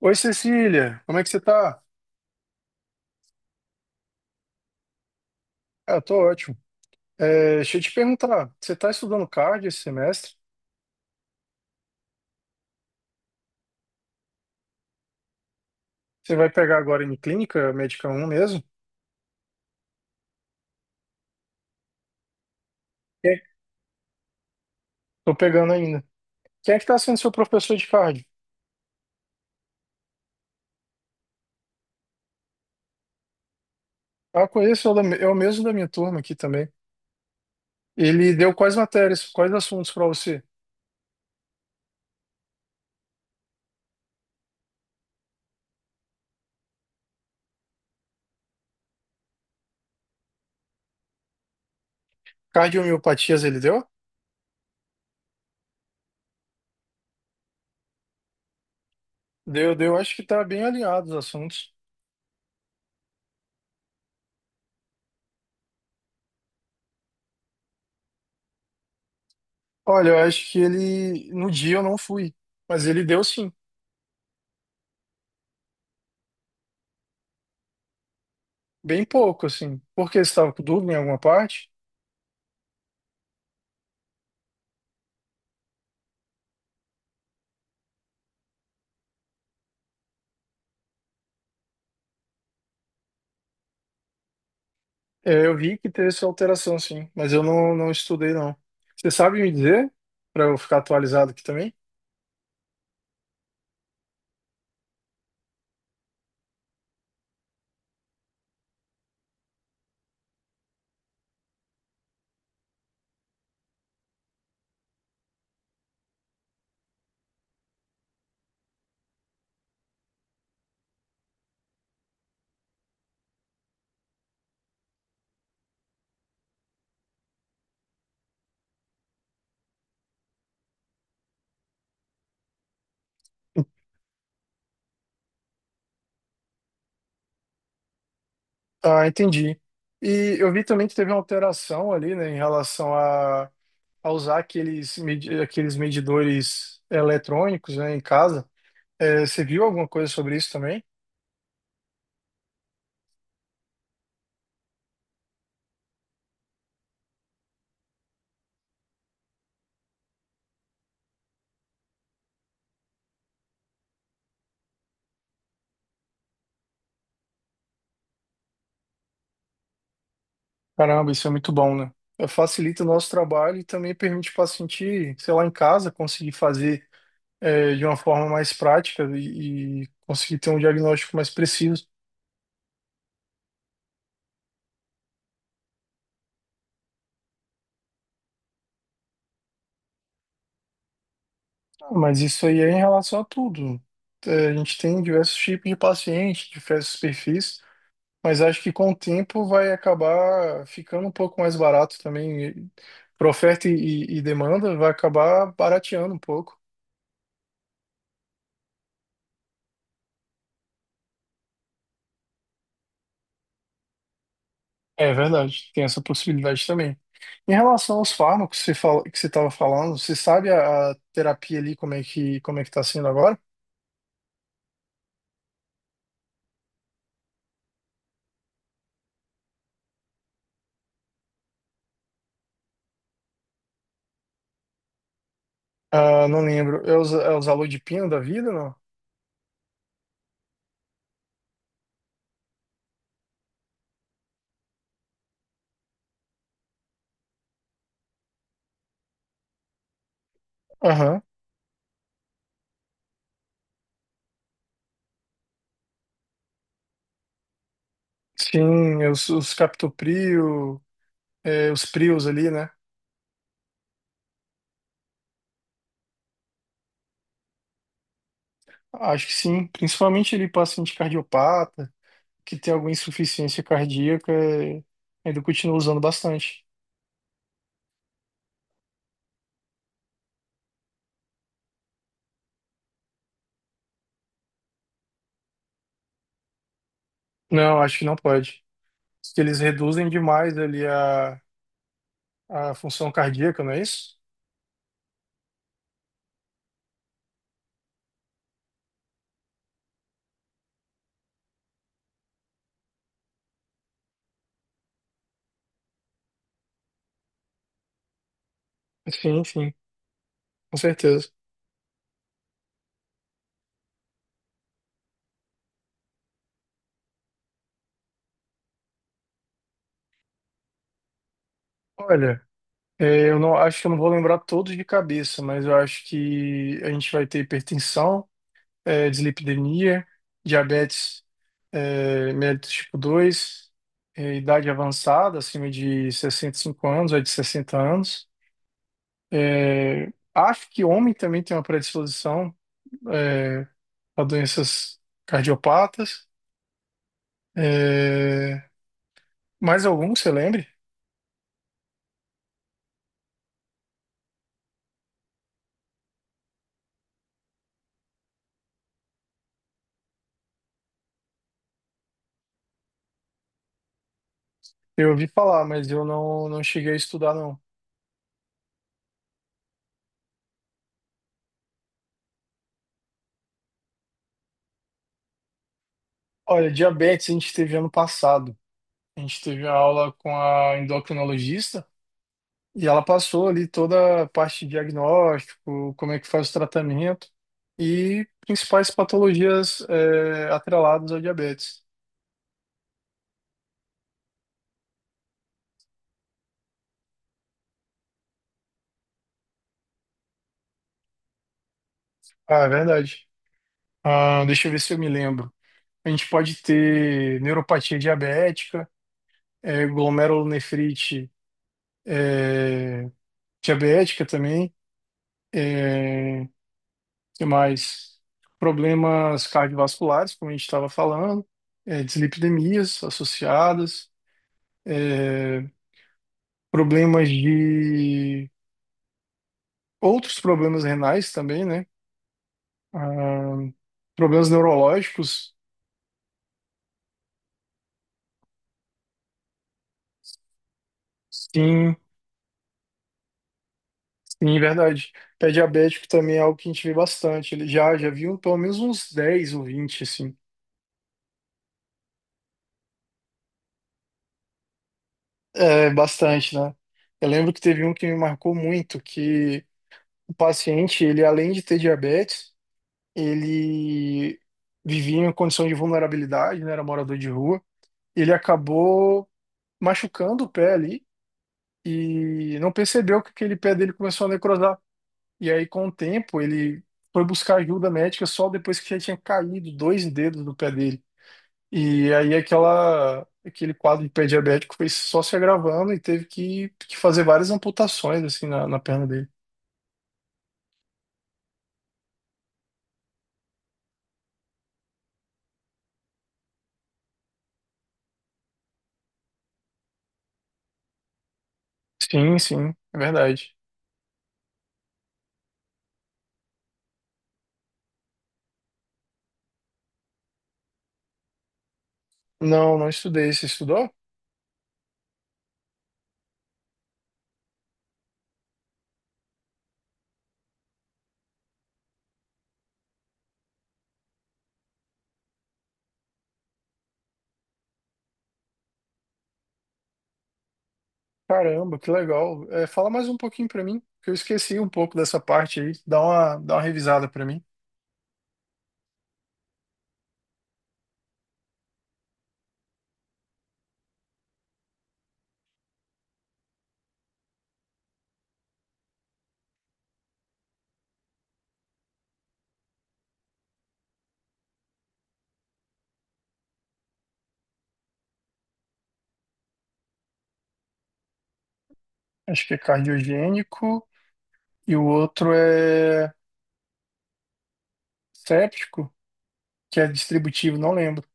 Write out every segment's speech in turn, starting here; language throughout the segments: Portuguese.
Oi, Cecília, como é que você tá? Ah, eu tô ótimo. É, deixa eu te perguntar, você tá estudando card esse semestre? Você vai pegar agora em clínica, médica 1 mesmo? É. Tô pegando ainda. Quem é que tá sendo seu professor de card? Ah, conheço, é o mesmo da minha turma aqui também. Ele deu quais matérias, quais assuntos pra você? Cardiomiopatias ele deu? Deu, deu, acho que tá bem alinhado os assuntos. Olha, eu acho que ele, no dia eu não fui, mas ele deu sim, bem pouco assim. Por que você estava com dúvida em alguma parte? É, eu vi que teve essa alteração, sim, mas eu não, não estudei, não. Você sabe me dizer, para eu ficar atualizado aqui também? Ah, entendi. E eu vi também que teve uma alteração ali, né, em relação a, usar aqueles, aqueles medidores eletrônicos, né, em casa. É, você viu alguma coisa sobre isso também? Caramba, isso é muito bom, né? É, facilita o nosso trabalho e também permite o paciente, sei lá, em casa, conseguir fazer de uma forma mais prática e conseguir ter um diagnóstico mais preciso. Ah, mas isso aí é em relação a tudo. É, a gente tem diversos tipos de paciente, diversos perfis, mas acho que com o tempo vai acabar ficando um pouco mais barato também. Para oferta e, e demanda, vai acabar barateando um pouco. É verdade, tem essa possibilidade também. Em relação aos fármacos que você fala, que você estava falando, você sabe a, terapia ali como é que está sendo agora? Ah, não lembro. É os alô de pino da vida, não? Aham. Sim, é os captoprio, os prios ali, né? Acho que sim. Principalmente ele paciente cardiopata, que tem alguma insuficiência cardíaca, ainda continua usando bastante. Não, acho que não pode. Porque eles reduzem demais ali a função cardíaca, não é isso? Sim, sim, com certeza. Olha, eu não acho que eu não vou lembrar todos de cabeça, mas eu acho que a gente vai ter hipertensão, dislipidemia, diabetes mellitus tipo 2, idade avançada, acima de 65 anos ou de 60 anos. Acho que homem também tem uma predisposição é, a doenças cardiopatas. É, mais algum que você lembre? Eu ouvi falar, mas eu não, não cheguei a estudar, não. Olha, diabetes a gente teve ano passado. A gente teve a aula com a endocrinologista. E ela passou ali toda a parte de diagnóstico, como é que faz o tratamento e principais patologias atreladas ao diabetes. Ah, é verdade. Ah, deixa eu ver se eu me lembro. A gente pode ter neuropatia diabética, glomerulonefrite é, diabética também. É, que mais? Problemas cardiovasculares, como a gente estava falando, dislipidemias associadas. Eh, problemas de outros problemas renais também, né? Ah, problemas neurológicos. Sim, sim, verdade. Pé diabético também é algo que a gente vê bastante. Ele já viu pelo menos uns 10 ou 20 assim. É, bastante, né? Eu lembro que teve um que me marcou muito, que o paciente, ele além de ter diabetes, ele vivia em uma condição de vulnerabilidade, né? Era morador de rua. Ele acabou machucando o pé ali e não percebeu que aquele pé dele começou a necrosar. E aí, com o tempo, ele foi buscar ajuda médica só depois que já tinha caído dois dedos do pé dele. E aí, aquele quadro de pé diabético foi só se agravando e teve que fazer várias amputações assim na perna dele. Sim, sim, é verdade. Não, não estudei. Você estudou? Caramba, que legal. É, fala mais um pouquinho pra mim, que eu esqueci um pouco dessa parte aí. Dá uma revisada pra mim. Acho que é cardiogênico. E o outro é séptico, que é distributivo, não lembro.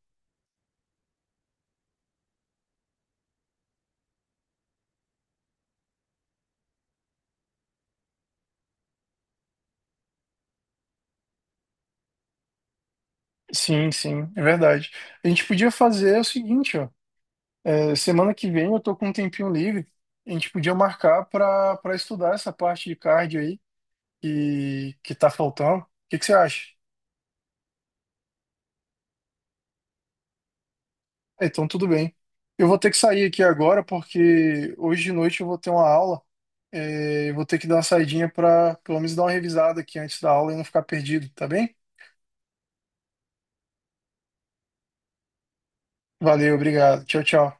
Sim, sim, é verdade. A gente podia fazer o seguinte, ó. Semana que vem eu tô com um tempinho livre. A gente podia marcar para estudar essa parte de cardio aí que tá faltando. O que que você acha? Ah, então, tudo bem. Eu vou ter que sair aqui agora porque hoje de noite eu vou ter uma aula. É, eu vou ter que dar uma saidinha para pelo menos dar uma revisada aqui antes da aula e não ficar perdido, tá bem? Valeu, obrigado. Tchau, tchau.